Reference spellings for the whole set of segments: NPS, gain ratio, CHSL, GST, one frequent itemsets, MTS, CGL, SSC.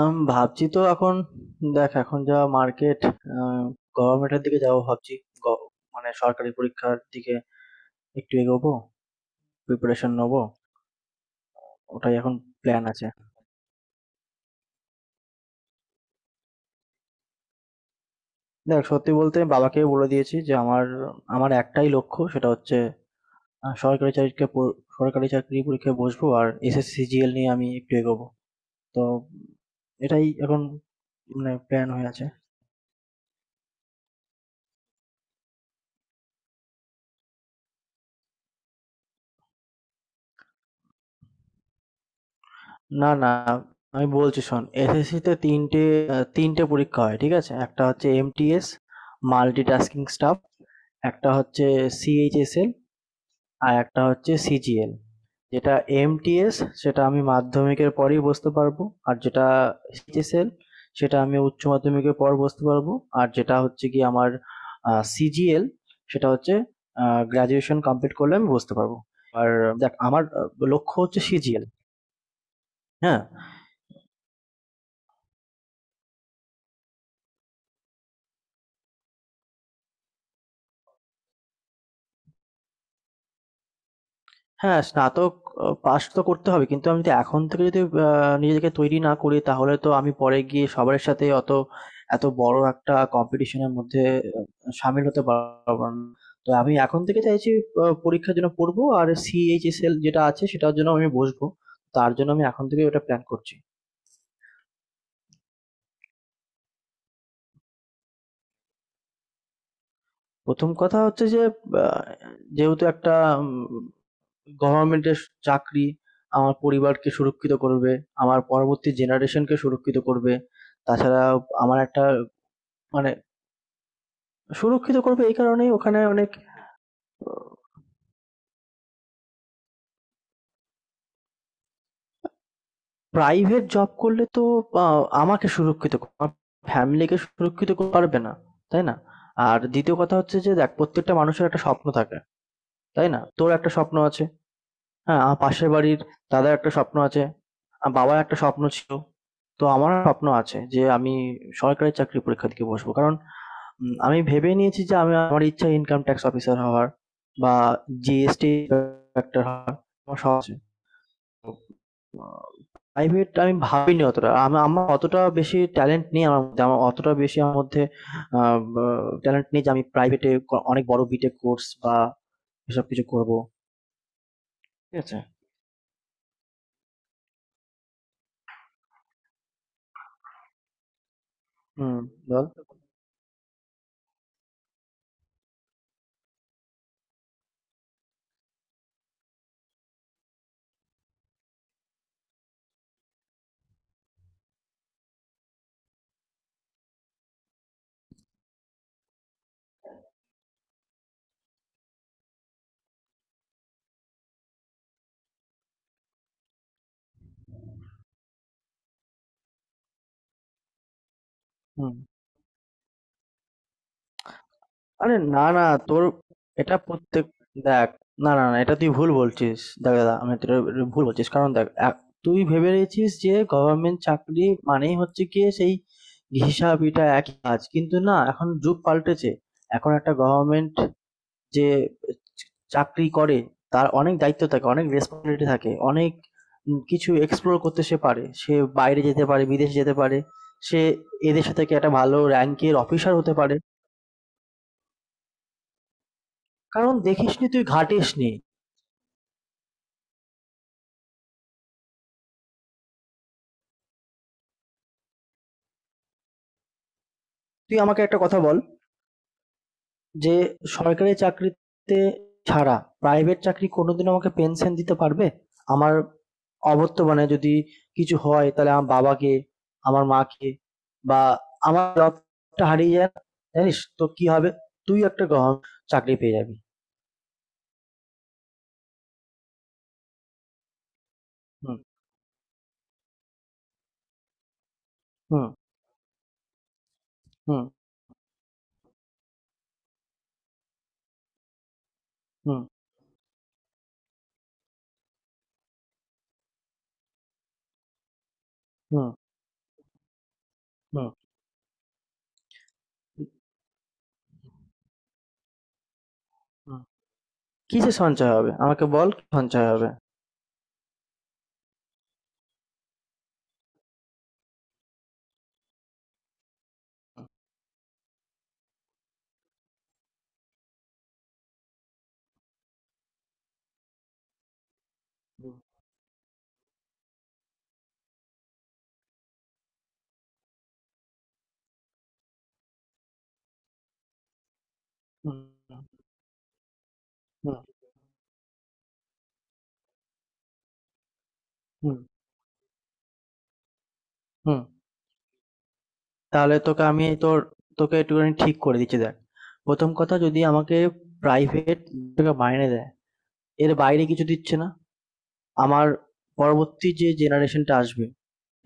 ভাবছি তো এখন। দেখ, এখন যা মার্কেট, গভর্নমেন্টের দিকে যাবো ভাবছি। গ- মানে সরকারি পরীক্ষার দিকে একটু এগোবো, প্রিপারেশন নেবো। ওটাই এখন প্ল্যান আছে। দেখ, সত্যি বলতে বাবাকে বলে দিয়েছি যে আমার আমার একটাই লক্ষ্য, সেটা হচ্ছে সরকারি সরকারি চাকরি পরীক্ষায় বসবো আর SSC GL নিয়ে আমি একটু এগোবো। তো এটাই এখন মানে প্ল্যান হয়ে আছে। না, না। আমি বলছি, শোন। SSC তে ৩ টে আ ৩ টে পরীক্ষা হয়, ঠিক আছে? একটা হচ্ছে MTS Multitasking Staff, একটা হচ্ছে CHSL, আর একটা হচ্ছে CGL। যেটা MTS, সেটা আমি মাধ্যমিকের পরেই বসতে পারবো। আর যেটা CHSL, সেটা আমি উচ্চ মাধ্যমিকের পর বসতে পারবো। আর যেটা হচ্ছে গিয়ে আমার CGL, সেটা হচ্ছে আ গ্র্যাজুয়েশন কমপ্লিট করলে আমি বসতে পারবো। আর দেখ আমার লক্ষ্য হচ্ছে CGL, হ্যাঁ? হ্যাঁ, স্নাতক পাস তো করতে হবে। কিন্তু আমি যদি এখন থেকে যদি আ নিজেকে তৈরি না করি তাহলে তো আমি পরে গিয়ে সবার সাথে অত এত বড় একটা কম্পিটিশন এর মধ্যে আ শামিল হতে পারব না। তো আমি এখন থেকে চাইছি পরীক্ষার জন্য পড়বো আর CHSL যেটা আছে সেটার জন্য আমি বসবো। তার জন্য আমি এখন থেকেই ওটা প্ল্যান করছি। ১ম কথা হচ্ছে যে আ যেহেতু একটা উম গভর্নমেন্টের চাকরি আমার পরিবারকে সুরক্ষিত করবে, আমার পরবর্তী জেনারেশনকে সুরক্ষিত করবে। তাছাড়া আমার একটা মানে সুরক্ষিত করবে এই কারণেই ওখানে অনেক। প্রাইভেট জব করলে তো আ আমাকে সুরক্ষিত ক আমার ফ্যামিলিকে সুরক্ষিত করতে পারবে না, তাই না? আর দ্বিতীয় কথা হচ্ছে যে দেখ প্রত্যেকটা মানুষের একটা স্বপ্ন থাকে, তাই না? তোর একটা স্বপ্ন আছে। হ্যাঁ, আমার পাশের বাড়ির দাদার একটা স্বপ্ন আছে। বাবার একটা স্বপ্ন ছিল। তো আমারও স্বপ্ন আছে যে আমি সরকারি চাকরির পরীক্ষা দিতে বসবো। কারণ আমি ভেবে নিয়েছি যে আমি আমার ইচ্ছা ইনকাম ট্যাক্স অফিসার হওয়ার বা GST ইন্সপেক্টর হওয়ার আমার শখ আছে। প্রাইভেট আমি ভাবিনি অতটা। আমার অতটা বেশি ট্যালেন্ট নেই আমার মধ্যে। আমার অতটা বেশি আমার মধ্যে আ বা ট্যালেন্ট নেই যে আমি প্রাইভেটে অনেক বড় বিটেক কোর্স বা এসব কিছু করবো। ঠিক আছে? হুম, বল। হুম। আরে, না না, তোর এটা প্রত্যেক দেখ, না না না, এটা তুই ভুল বলছিস। দেখ দাদা, আমি তোর ভুল বলছিস কারণ দেখ, তুই ভেবে রেখেছিস যে গভর্নমেন্ট চাকরি মানেই হচ্ছে কি সেই হিসাব, এটা একই কাজ, কিন্তু না, এখন যুগ পাল্টেছে। এখন একটা গভর্নমেন্ট যে চ- চাকরি করে তার অনেক দায়িত্ব থাকে, অনেক রেসপন্সিবিলিটি থাকে, অনেক কিছু এক্সপ্লোর করতে সে পারে, সে বাইরে যেতে পারে, বিদেশে যেতে পারে, সে এদেশে থেকে একটা ভালো র্যাঙ্কের অফিসার হতে পারে। কারণ দেখিসনি তুই, ঘাটিসনি। তুই আমাকে একটা কথা বল, যে সরকারি চাকরিতে ছাড়া প্রাইভেট চাকরি কোনোদিন আমাকে পেনশন দিতে পারবে? আমার অবর্তমানে যদি কিছু হয় তাহলে আমার বাবাকে, আমার মাকে, বা আমার জবটা হারিয়ে যায়, জানিস তো কি হবে? তুই একটা গভর্নমেন্ট চাকরি পেয়ে যাবি। হুম, হুম, হুম, হুম, হুম, হুম, হুম। কিসে সঞ্চয় হবে, আমাকে বল, কি সঞ্চয় হবে? হুম, হুম, হুম, হুম, হুম। তাহলে তোকে আমি তোকে একটুখানি ঠিক করে দিচ্ছি, দেখ। প্রথম কথা, যদি আমাকে প্রাইভেট মাইনে দেয়, এর বাইরে কিছু দিচ্ছে না। আমার পরবর্তী যে জেনারেশনটা আসবে,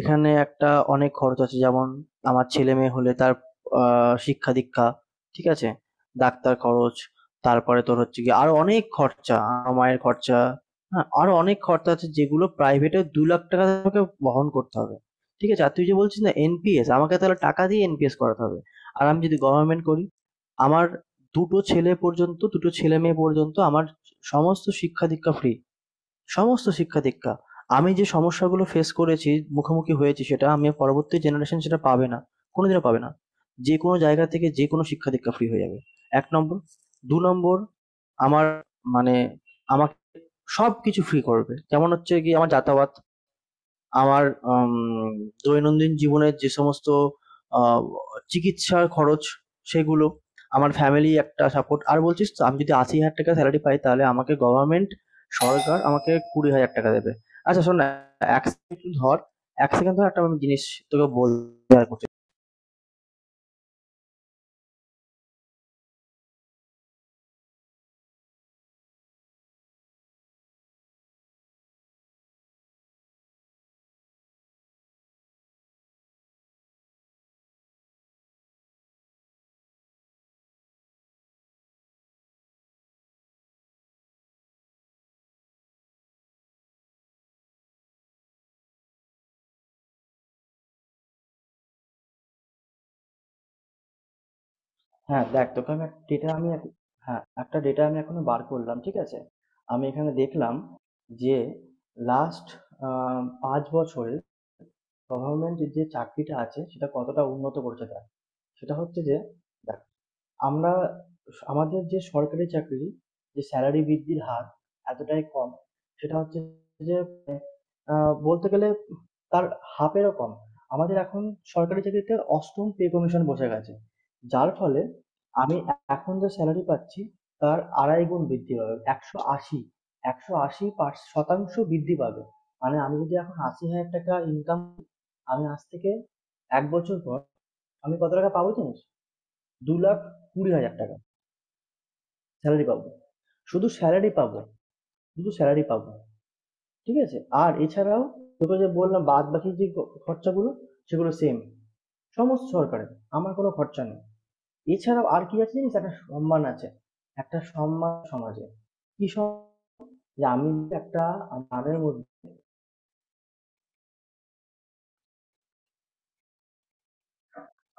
এখানে একটা অনেক খরচ আছে, যেমন আমার ছেলেমেয়ে হলে তার শিক্ষা দীক্ষা, ঠিক আছে, ডাক্তার খরচ, তারপরে তোর হচ্ছে কি আরো অনেক খরচা, আমার মায়ের খরচা, হ্যাঁ, আরো অনেক খরচা আছে যেগুলো প্রাইভেটে ২ লাখ টাকা তোমাকে বহন করতে হবে। ঠিক আছে? আর তুই যে বলছিস না NPS, আমাকে তাহলে টাকা দিয়ে NPS করাতে হবে। আর আমি যদি গভর্নমেন্ট করি, আমার দুটো ছেলে পর্যন্ত, দুটো ছেলে মেয়ে পর্যন্ত আমার সমস্ত শিক্ষা দীক্ষা ফ্রি, সমস্ত শিক্ষা-দীক্ষা। আমি যে সমস্যাগুলো ফেস করেছি, মুখোমুখি হয়েছি, সেটা আমি পরবর্তী জেনারেশন সেটা পাবে না। কোনোদিনও পাবে না। যে কোনো জায়গা থেকে যে কোনো শিক্ষা-দীক্ষা ফ্রি হয়ে যাবে। ১ নম্বর। ২ নম্বর, আমার মানে আমাকে সবকিছু ফ্রি করবে। যেমন হচ্ছে গিয়ে আমার যাতায়াত, আমার আম দৈনন্দিন জীবনের যে সমস্ত আ চিকিৎসার খরচ, সেগুলো, আমার ফ্যামিলি একটা সাপোর্ট। আর বলছিস তো, আমি যদি ৳৮০,০০০ সেলারি পাই তাহলে আমাকে গভর্নমেন্ট, সরকার আমাকে ৳২০,০০০ দেবে। আচ্ছা শোন না, ১ সেকেন্ড ধর, ১ সেকেন্ড ধর, একটা আমি জিনিস তোকে বলতে শেয়ার করছি। হ্যাঁ, দেখ তোকে আমি একটা ডেটা আমি এখন, হ্যাঁ, একটা ডেটা আমি এখনো বার করলাম, ঠিক আছে? আমি এখানে দেখলাম যে লাস্ট আ ৫ বছরে গভর্নমেন্ট যে চাকরিটা আছে সেটা কতটা উন্নত করেছে তারা। সেটা হচ্ছে যে আমরা আমাদের যে সরকারি চাকরি, যে স্যালারি বৃদ্ধির হার এতটাই কম, সেটা হচ্ছে যে আ বলতে গেলে তার হাফ এরও কম। আমাদের এখন সরকারি চাকরিতে ৮ম পে কমিশন বসে গেছে। যার ফলে আমি এখন যে স্যালারি পাচ্ছি তার ২.৫ গুণ বৃদ্ধি পাবে। ১৮০ শতাংশ বৃদ্ধি পাবে। মানে আমি যদি এখন ৳৮০,০০০ ইনকাম, আমি আজ থেকে ১ বছর পর আমি কত টাকা পাবো জানিস? ৳২,২০,০০০ স্যালারি পাবো, শুধু স্যালারি পাবো, শুধু স্যালারি পাবো। ঠিক আছে? আর এছাড়াও তোকে যে বললাম বাদ বাকি যে খরচাগুলো, সেগুলো সেম, সমস্ত সরকারের, আমার কোনো খরচা নেই। এছাড়াও আর কি আছে জানিস, একটা সম্মান আছে, একটা সম্মান সমাজে, কি সম- যে আমি একটা মানের মধ্যে।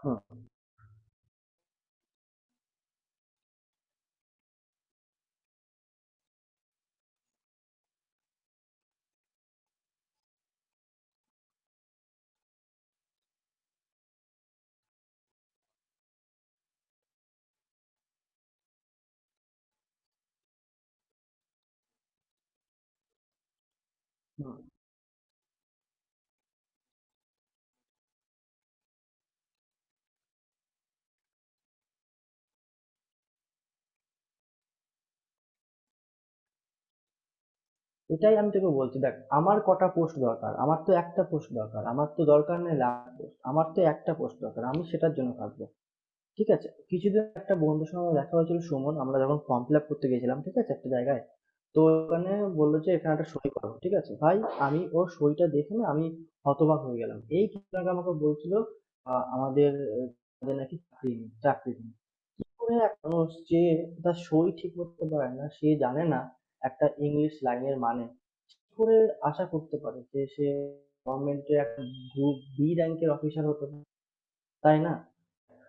হুম, হুম। এটাই আমি তোকে বলছি, দেখ আমার কটা পোস্ট দরকার, আমার তো একটা পোস্ট দরকার, আমার তো দরকার নেই লাখ পোস্ট, আমার তো একটা পোস্ট দরকার, আমি সেটার জন্য কাজ করছি। ঠিক আছে, কিছুদিন একটা বন্ধুর সঙ্গে আমার দেখা হয়েছিল, সুমন, আমরা যখন ফর্ম ফিল আপ করতে গেছিলাম, ঠিক আছে, একটা জায়গায়, তো ওখানে বললো যে এখানে একটা সই করো, ঠিক আছে ভাই। আমি ওর সইটা দেখে, না, আমি হতবাক হয়ে গেলাম। এই কিছুদিন আগে আমাকে বলছিল আমাদের আমাদের নাকি চাকরি নেই, চাকরি নেই করে, এক মানুষ যে তার সই ঠিক করতে পারে না, সে জানে না একটা ইংলিশ লাইনের মানে, কি করে আশা করতে পারে যে সে গভর্নমেন্টের একটা গ্রুপ বি র্যাঙ্কের অফিসার হতে পারে? তাই না?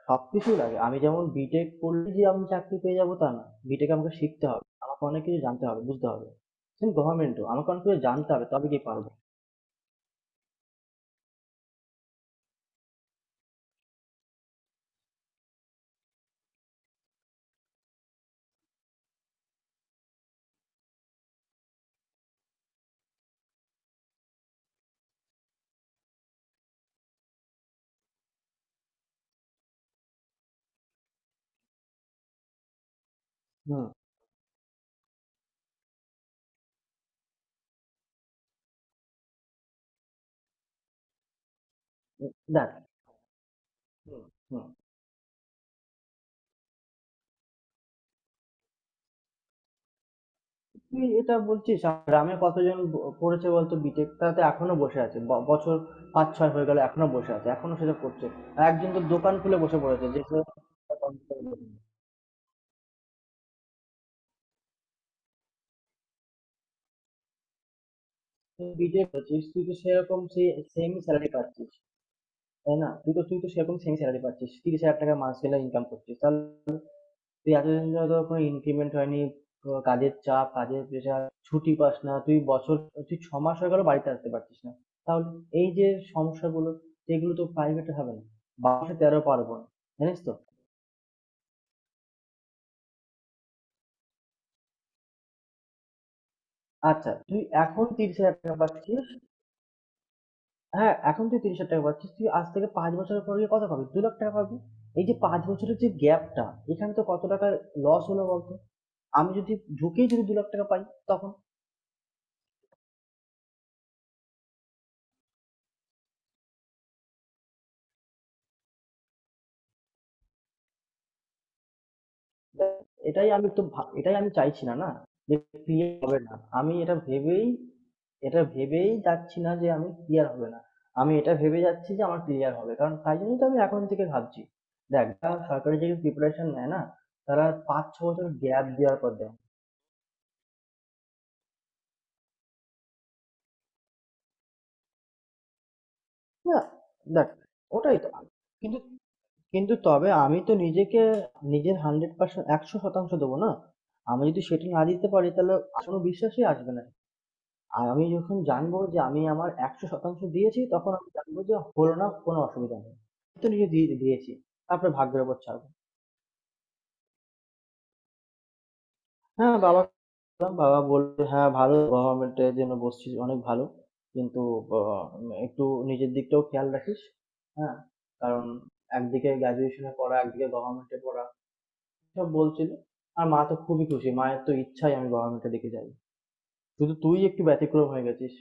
সব কিছুই লাগে, আমি যেমন বিটেক করলে যে আমি চাকরি পেয়ে যাবো তা না, বিটেক আমাকে শিখতে হবে, আমাকে অনেক কিছু জানতে হবে, বুঝতে হবে। সেম গভর্নমেন্টও আমাকে অনেক কিছু জানতে হবে, তবে কি পারবো। হুম, হুম, দেখ, হুম, হুম, তুই এটা বলছিস, আমার গ্রামে কতজন করেছে বলতো বিটেক, তাতে এখনো বসে আছে, ৫-৬ বছর হয়ে গেল এখনো বসে আছে, এখনো সেটা করছে। আর একজন তো দোকান খুলে বসে পড়েছে যে সে বিটেক করছিস। তুই তো সেরকম সেই সেম স্যালারি পাচ্ছিস, তাই না? তুই তো সেরকম সেম স্যালারি পাচ্ছিস, ৩০,০০০ টাকা মাস গেলে ইনকাম করছিস, তাহলে তুই এতদিন ধরে তোর কোনো ইনক্রিমেন্ট হয়নি, তোর কাজের চাপ, কাজের প্রেশার, ছুটি পাস না তুই, বছর, তুই ৬ মাস হয়ে গেল বাড়িতে আসতে পারছিস না, তাহলে এই যে সমস্যাগুলো, এগুলো তো প্রাইভেটে হবে না। বাসে তেরো পারবো না, জানিস তো। আচ্ছা, তুই এখন ৩০,০০০ টাকা পাচ্ছিস, হ্যাঁ, এখন তুই ৩০,০০০ টাকা পাচ্ছিস, তুই আজ থেকে ৫ বছরের পর গিয়ে কত পাবি, ২ লাখ টাকা পাবি। এই যে ৫ বছরের যে গ্যাপটা, এখানে তো কত টাকার লস হলো বলতো, আমি যদি ঢুকেই যদি ২ লাখ টাকা পাই, তখন। এটাই আমি চাইছি, না না যে ক্লিয়ার হবে না, আমি এটা ভেবেই যাচ্ছি না যে আমি ক্লিয়ার হবে না, আমি এটা ভেবে যাচ্ছি যে আমার ক্লিয়ার হবে, কারণ তাই জন্যই তো আমি এখন থেকে ভাবছি। দেখ, যারা সরকারি চাকরির প্রিপারেশন নেয় না, তারা ৫-৬ বছর গ্যাপ দেওয়ার পর দেয়। না, দেখ, ওটাই তো, কিন্তু, কিন্তু তবে আমি তো নিজেকে, নিজের ১০০%, ১০০% দেবো না, আমি যদি সেটা না দিতে পারি তাহলে কোনো বিশ্বাসই আসবে না। আর আমি যখন জানবো যে আমি আমার ১০০% দিয়েছি, তখন আমি জানবো যে হলো না, কোনো অসুবিধা নেই। আমি তো নিজে দিয়ে দিয়েছি। তারপরে ভাগ্যের উপর ছাড়বো। হ্যাঁ, বাবাকে বললাম, বাবা বলল, "হ্যাঁ, ভালো, গভর্নমেন্ট এর জন্য বসছিস, অনেক ভালো। কিন্তু অ একটু নিজের দিকটাও খেয়াল রাখিস।" হ্যাঁ? কারণ একদিকে গ্র্যাজুয়েশনে পড়া, একদিকে গভর্নমেন্টে পড়া, এসব বলছিল। আর মা তো খুবই খুশি, মায়ের তো ইচ্ছাই আমি গভর্নমেন্টের দিকে যাই। শুধু তুই একটু ব্যতিক্রম হয়ে গেছিস।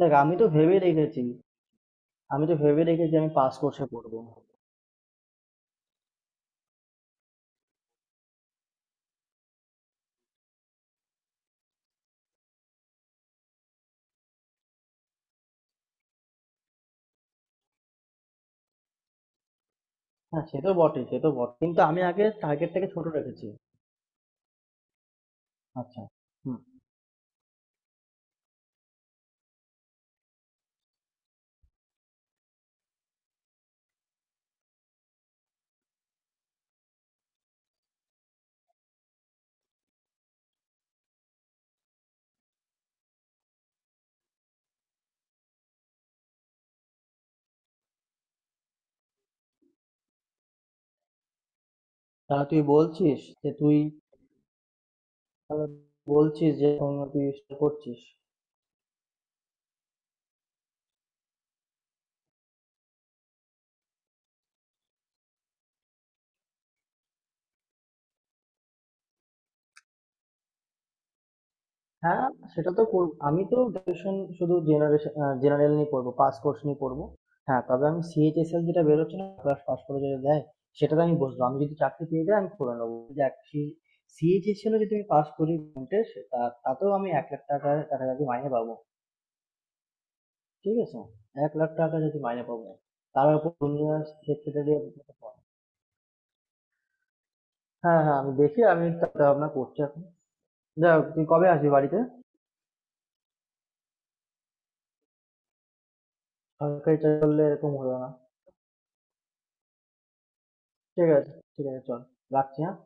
দেখ, আমি তো ভেবেই রেখেছি, আমি তো ভেবে রেখেছি আমি পাস কোর্সে পড়বো। হ্যাঁ, সে তো বটে, সে তো বটে, কিন্তু আমি আগে টার্গেটটাকে ছোট রেখেছি। আচ্ছা। হুম। তাহলে তুই বলছিস যে তুই, তাহলে বলছিস যে এখন তুই সেটা করছিস। হ্যাঁ, সেটা তো করব, আমি তো গ্রাজুয়েশন শুধু জেনারেল নিয়ে পড়বো, পাস কোর্স নিয়ে পড়বো। হ্যাঁ, তবে আমি CHSL যেটা বেরোচ্ছে না, ক্লাস পাস করে যেটা দেয়, সেটাতে আমি বসবো, আমি যদি চাকরি পেয়ে যাই আমি করে নেবো, দেখ। CHSL-ও যদি আমি পাস করি percentage, তা তাতেও আমি ১ লাখ টাকার কাছাকাছি মাইনে পাবো। ঠিক আছে? ১,০০,০০০ টাকা যদি মাইনে পাবো। তার উপর জুনিয়র সেক্রেটারি। হ্যাঁ হ্যাঁ, আমি দেখি, আমি চিন্তা ভাবনা করছি এখন। যাই হোক, তুই কবে আসবি বাড়িতে? সরকারি চাকরি করলে এরকম হলো না। ঠিক আছে, ঠিক আছে, চল, রাখছি, হ্যাঁ?